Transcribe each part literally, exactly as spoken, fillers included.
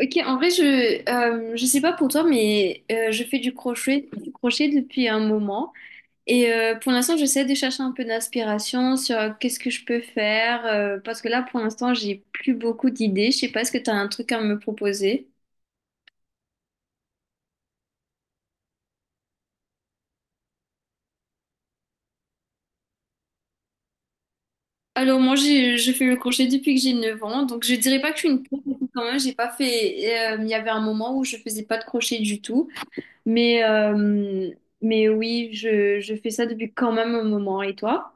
Ok, en vrai, je euh, je sais pas pour toi, mais euh, je fais du crochet, du crochet depuis un moment. Et euh, pour l'instant, j'essaie de chercher un peu d'inspiration sur euh, qu'est-ce que je peux faire. Euh, parce que là, pour l'instant, j'ai plus beaucoup d'idées. Je sais pas, est-ce que tu as un truc à me proposer? Alors, moi, j'ai, je fais le crochet depuis que j'ai neuf ans. Donc, je dirais pas que je suis une pro, parce que quand même, j'ai pas fait. euh, Il y avait un moment où je faisais pas de crochet du tout. Mais, euh, mais oui, je, je fais ça depuis quand même un moment. Et toi?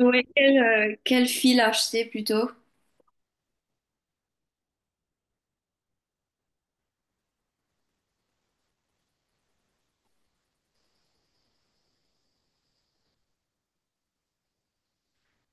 Ouais, quel, euh, quel fil acheter plutôt?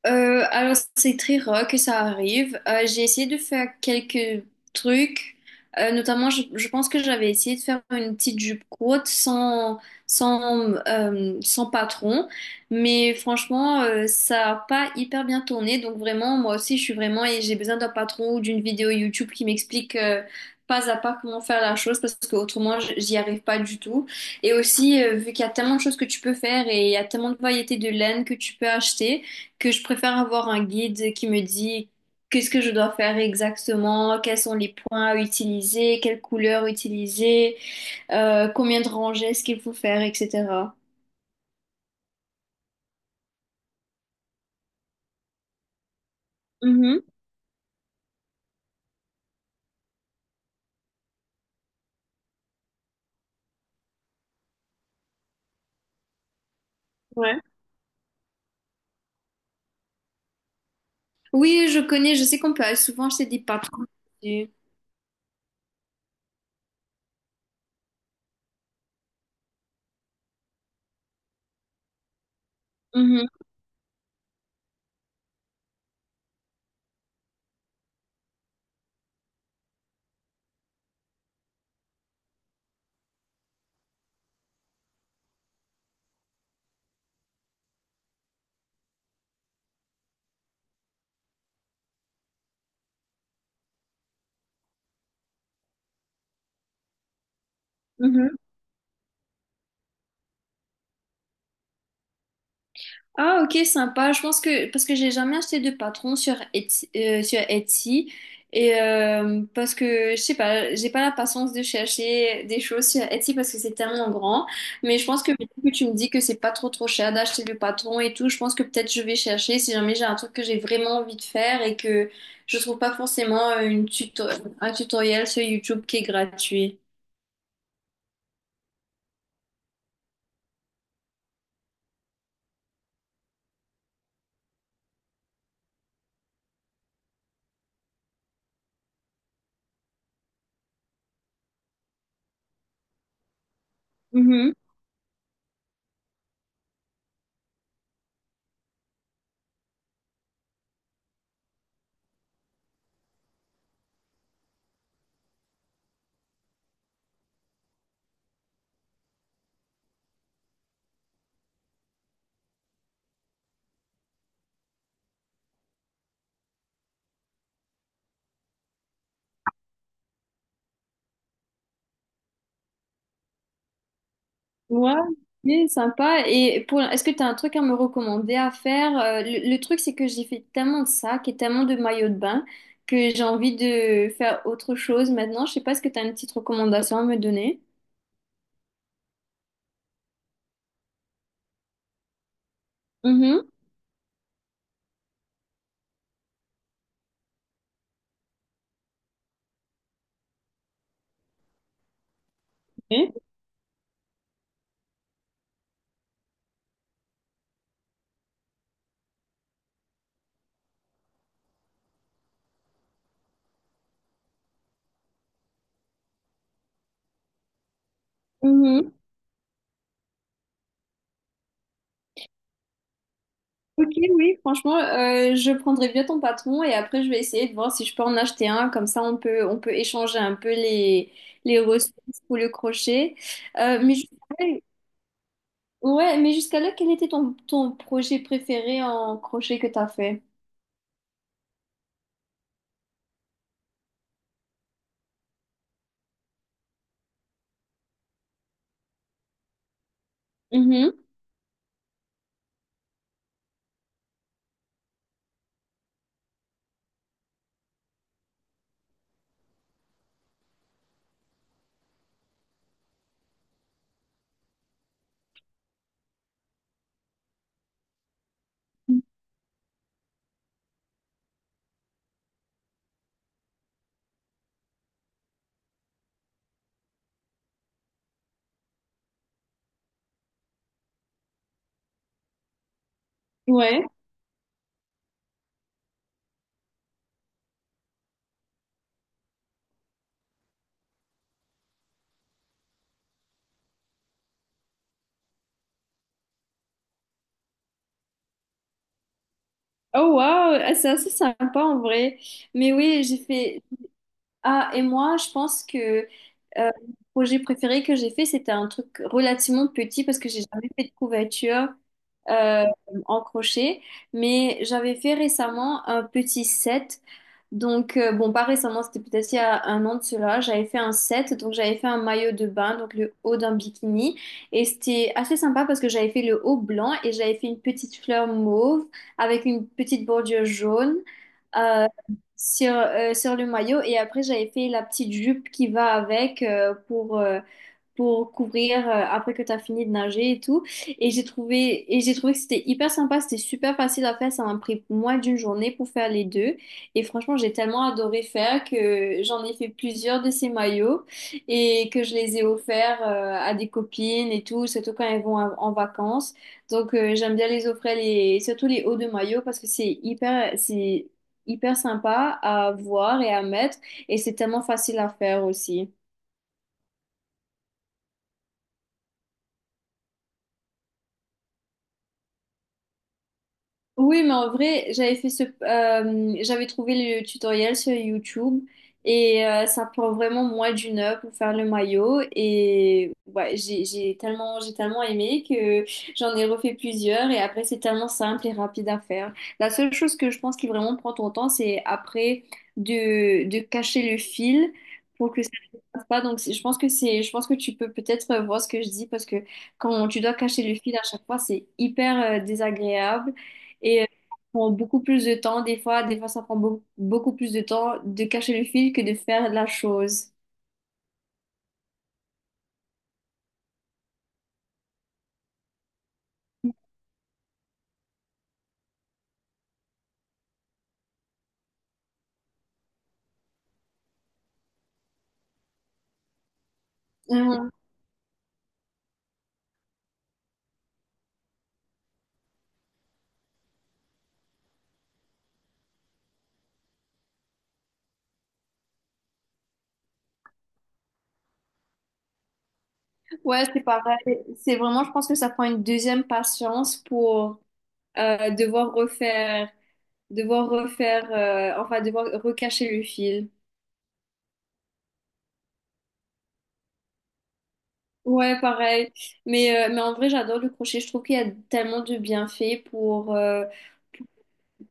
Euh, alors, c'est très rare que ça arrive. Euh, j'ai essayé de faire quelques trucs. Euh, notamment, je, je pense que j'avais essayé de faire une petite jupe courte sans, sans, euh, sans patron. Mais franchement, euh, ça n'a pas hyper bien tourné. Donc vraiment, moi aussi, je suis vraiment et j'ai besoin d'un patron ou d'une vidéo YouTube qui m'explique euh, pas à pas comment faire la chose parce que autrement, j- j'y arrive pas du tout. Et aussi, euh, vu qu'il y a tellement de choses que tu peux faire et il y a tellement de variétés de laine que tu peux acheter que je préfère avoir un guide qui me dit qu'est-ce que je dois faire exactement, quels sont les points à utiliser, quelles couleurs utiliser, euh, combien de rangées est-ce qu'il faut faire, et cetera. Mhm, ouais. Oui, je connais, je sais qu'on peut souvent acheter des patrons. Mhm, mhm. Ah ok sympa, je pense que parce que j'ai jamais acheté de patron sur Etsy, euh, sur Etsy et euh, parce que je sais pas, j'ai pas la patience de chercher des choses sur Etsy parce que c'est tellement grand, mais je pense que vu que tu me dis que c'est pas trop trop cher d'acheter le patron et tout, je pense que peut-être je vais chercher si jamais j'ai un truc que j'ai vraiment envie de faire et que je trouve pas forcément euh, une tuto- un tutoriel sur YouTube qui est gratuit. Mhm. Ouais, c'est sympa. Et pour, est-ce que tu as un truc à me recommander à faire? Euh, le, le truc, c'est que j'ai fait tellement de sacs et tellement de maillots de bain que j'ai envie de faire autre chose maintenant. Je sais pas, est-ce que tu as une petite recommandation à me donner? Mhm. Oui. Mhm. Ok, oui, franchement, euh, je prendrai bien ton patron et après je vais essayer de voir si je peux en acheter un. Comme ça, on peut, on peut échanger un peu les, les ressources pour le crochet. Euh, mais je- Ouais, mais jusqu'à là, quel était ton, ton projet préféré en crochet que t'as fait? Mhm. Ouais. Oh wow. Ah, c'est assez sympa en vrai. Mais oui, j'ai fait. Ah, et moi, je pense que euh, le projet préféré que j'ai fait, c'était un truc relativement petit parce que j'ai jamais fait de couverture euh, en crochet. Mais j'avais fait récemment un petit set. Donc, euh, bon, pas récemment, c'était peut-être il y a un an de cela, j'avais fait un set, donc j'avais fait un maillot de bain, donc le haut d'un bikini, et c'était assez sympa parce que j'avais fait le haut blanc et j'avais fait une petite fleur mauve avec une petite bordure jaune euh, sur, euh, sur le maillot, et après j'avais fait la petite jupe qui va avec euh, pour, euh, pour couvrir euh, après que tu as fini de nager et tout. Et j'ai trouvé, et j'ai trouvé que c'était hyper sympa, c'était super facile à faire. Ça m'a pris moins d'une journée pour faire les deux. Et franchement, j'ai tellement adoré faire que j'en ai fait plusieurs de ces maillots et que je les ai offerts euh, à des copines et tout, surtout quand elles vont en en vacances. Donc euh, j'aime bien les offrir les, surtout les hauts de maillot parce que c'est hyper, c'est hyper sympa à voir et à mettre et c'est tellement facile à faire aussi. Oui, mais en vrai, j'avais fait ce, euh, j'avais trouvé le tutoriel sur YouTube et euh, ça prend vraiment moins d'une heure pour faire le maillot et ouais, j'ai j'ai tellement j'ai tellement aimé que j'en ai refait plusieurs et après c'est tellement simple et rapide à faire. La seule chose que je pense qui vraiment prend ton temps, c'est après de de cacher le fil pour que ça ne passe pas. Donc c'est- je pense que c'est, je pense que tu peux peut-être voir ce que je dis parce que quand tu dois cacher le fil à chaque fois, c'est hyper euh, désagréable. Et euh, ça prend beaucoup plus de temps, des fois, des fois ça prend beau- beaucoup plus de temps de cacher le fil que de faire la chose. Mhm. Ouais, c'est pareil. C'est vraiment, je pense que ça prend une deuxième patience pour euh, devoir refaire, devoir refaire, euh, enfin, devoir recacher le fil. Ouais, pareil. Mais, euh, mais en vrai, j'adore le crochet. Je trouve qu'il y a tellement de bienfaits pour, euh,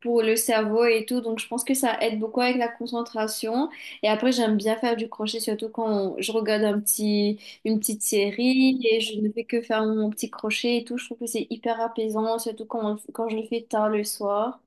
pour le cerveau et tout. Donc, je pense que ça aide beaucoup avec la concentration. Et après, j'aime bien faire du crochet, surtout quand je regarde un petit, une petite série et je ne fais que faire mon petit crochet et tout. Je trouve que c'est hyper apaisant, surtout quand, quand je le fais tard le soir.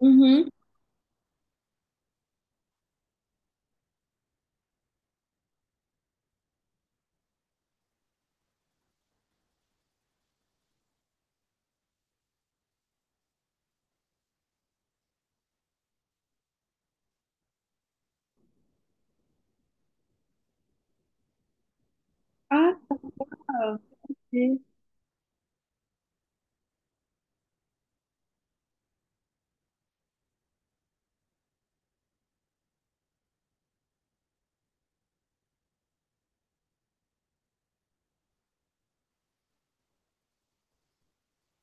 Mhm. Ah, ok.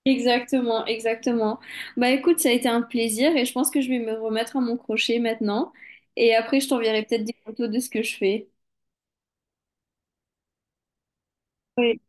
Exactement, exactement. Bah écoute, ça a été un plaisir et je pense que je vais me remettre à mon crochet maintenant. Et après, je t'enverrai peut-être des photos de ce que je fais. Oui.